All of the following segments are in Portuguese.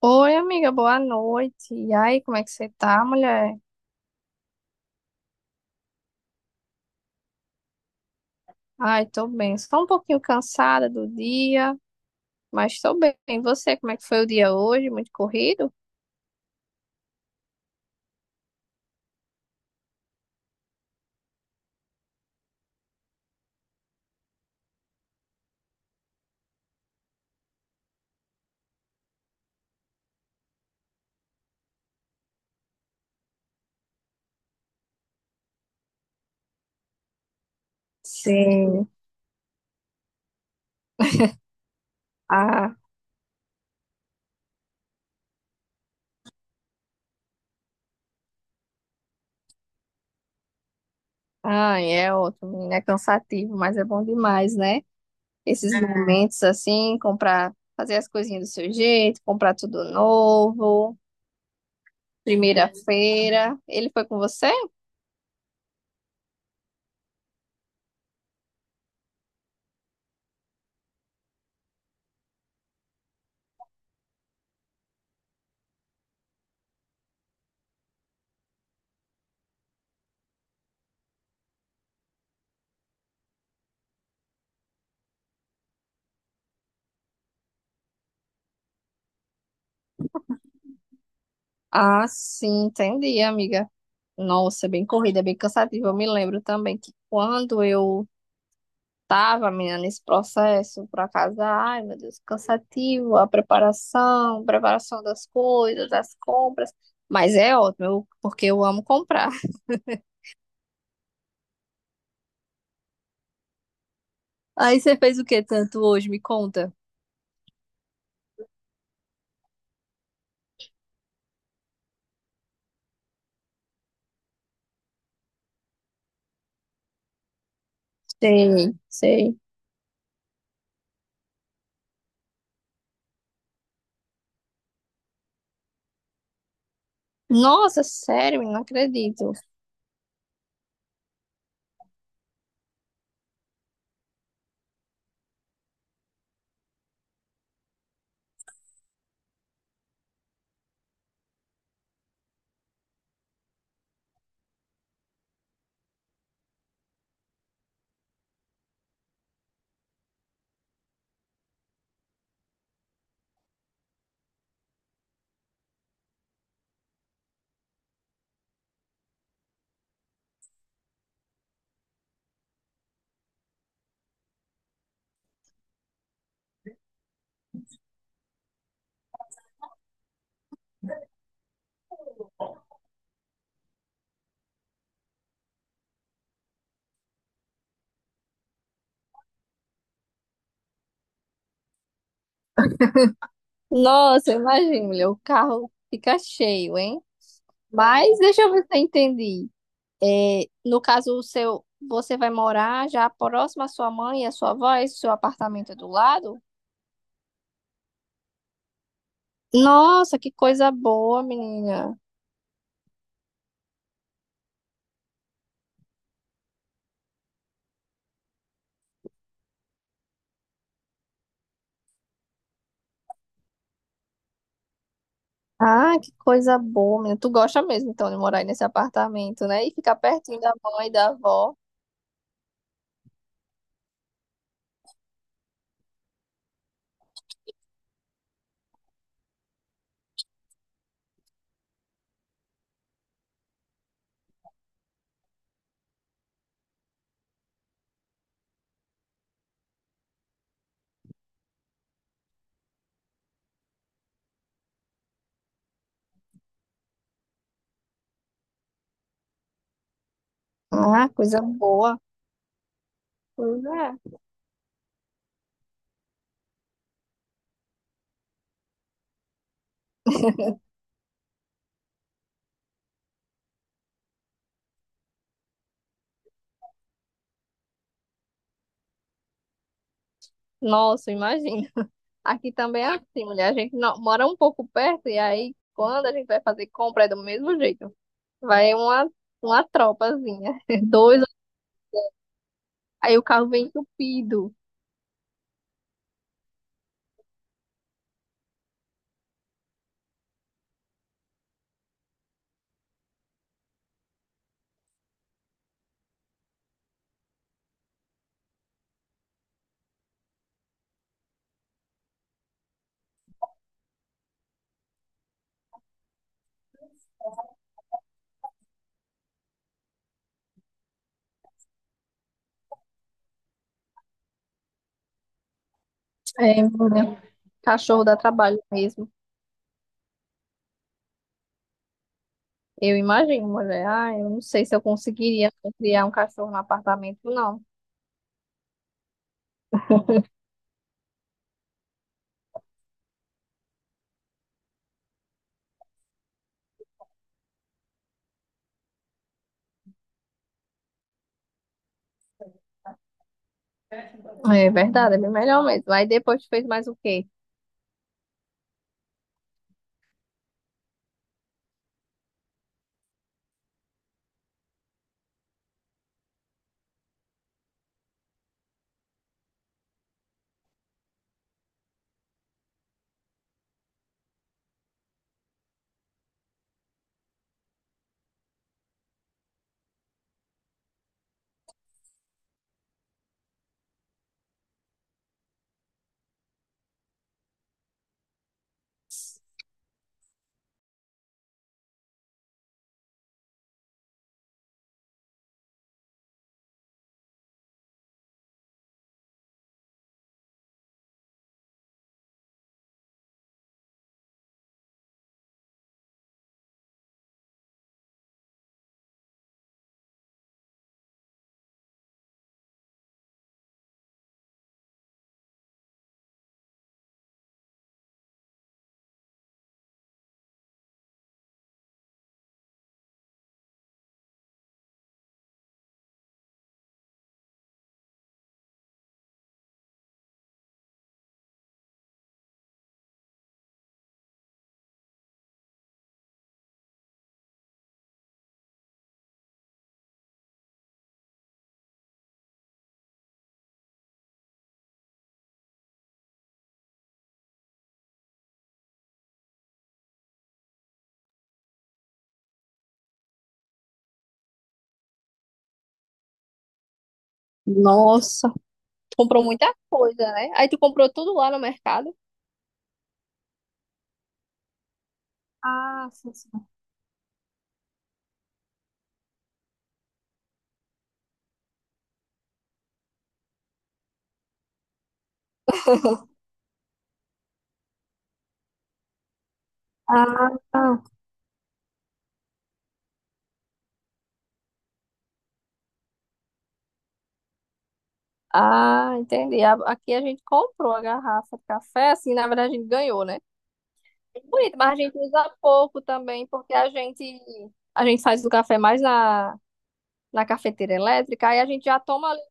Oi, amiga, boa noite. E aí, como é que você tá, mulher? Ai, tô bem. Só um pouquinho cansada do dia, mas tô bem. E você, como é que foi o dia hoje? Muito corrido? Sim. Ah, ai, é outro, menina. É cansativo, mas é bom demais, né? Esses, é, momentos assim, comprar, fazer as coisinhas do seu jeito, comprar tudo novo, primeira-feira. Ele foi com você? Ah, sim, entendi, amiga. Nossa, é bem corrida, é bem cansativo. Eu me lembro também que quando eu tava, menina, nesse processo para casar, ai, meu Deus, cansativo, a preparação, preparação das coisas, das compras. Mas é ótimo, porque eu amo comprar. Aí você fez o que tanto hoje? Me conta. Sei, sei. Nossa, sério, menina, não acredito. Nossa, imagina, mulher, o carro fica cheio, hein? Mas deixa eu ver se eu entendi. É, no caso, o seu, você vai morar já próximo à sua mãe e à sua avó, esse seu apartamento é do lado? Nossa, que coisa boa, menina. Ah, que coisa boa, menina. Tu gosta mesmo, então, de morar aí nesse apartamento, né? E ficar pertinho da mãe e da avó. Ah, coisa boa. Pois é. Nossa, imagina. Aqui também é assim, mulher. A gente mora um pouco perto e aí, quando a gente vai fazer compra, é do mesmo jeito. Vai uma tropazinha. Dois, aí o carro vem entupido. É, mulher. Cachorro dá trabalho mesmo. Eu imagino, mulher. Ah, eu não sei se eu conseguiria criar um cachorro no apartamento, não. É verdade, é bem melhor mesmo. Aí depois tu fez mais o quê? Nossa, tu comprou muita coisa, né? Aí tu comprou tudo lá no mercado. Ah, sim, sim. Ah, tá. Ah, entendi. Aqui a gente comprou a garrafa de café, assim, na verdade a gente ganhou, né? Bonito, mas a gente usa pouco também, porque a gente faz o café mais na na cafeteira elétrica, aí a gente já toma ali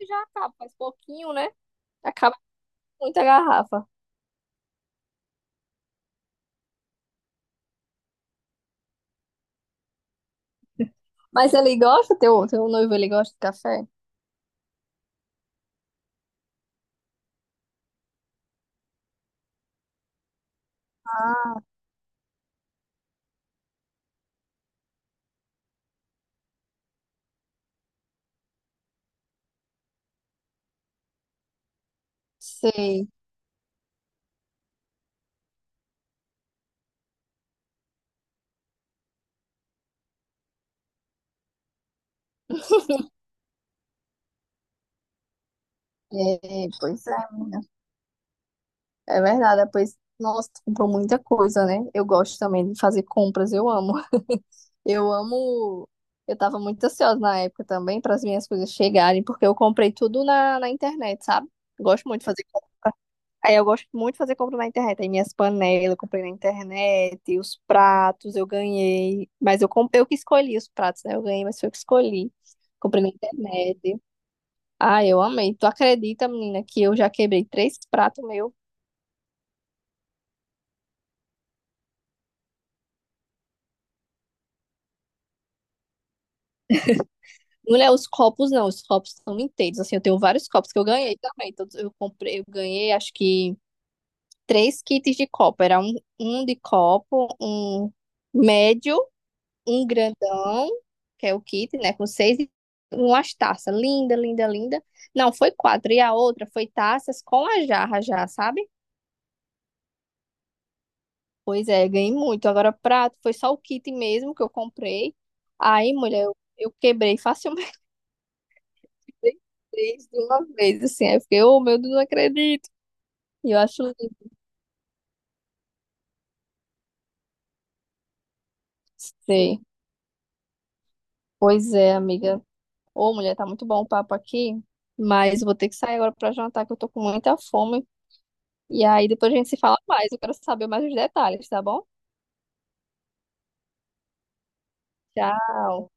e já acaba, faz pouquinho, né? Acaba com muita garrafa. Mas ele gosta, teu noivo, ele gosta de café? Ah, sei. É, pois é, é verdade. É, pois, nossa, tu comprou muita coisa, né? Eu gosto também de fazer compras, eu amo. Eu amo. Eu tava muito ansiosa na época também para as minhas coisas chegarem, porque eu comprei tudo na internet, sabe? Gosto muito de fazer Aí eu gosto muito de fazer compra na internet. Aí minhas panelas eu comprei na internet, os pratos eu ganhei. Mas eu que escolhi os pratos, né? Eu ganhei, mas foi eu que escolhi. Comprei na internet. Ah, eu amei. Tu acredita, menina, que eu já quebrei três pratos meu? Não é os copos, não. Os copos são inteiros. Assim, eu tenho vários copos que eu ganhei também. Todos eu comprei, eu ganhei, acho que três kits de copo. Era um, um de copo, um médio, um grandão, que é o kit, né? Com seis e umas taças. Linda, linda, linda. Não, foi quatro. E a outra foi taças com a jarra já, sabe? Pois é, ganhei muito. Agora, prato, foi só o kit mesmo que eu comprei. Aí, mulher, eu quebrei facilmente três de uma vez, assim. Aí eu fiquei, oh meu Deus, não acredito. E eu acho lindo. Sei. Pois é, amiga. Ô, mulher, tá muito bom o papo aqui. Mas vou ter que sair agora pra jantar, que eu tô com muita fome. E aí depois a gente se fala mais. Eu quero saber mais os detalhes, tá bom? Tchau.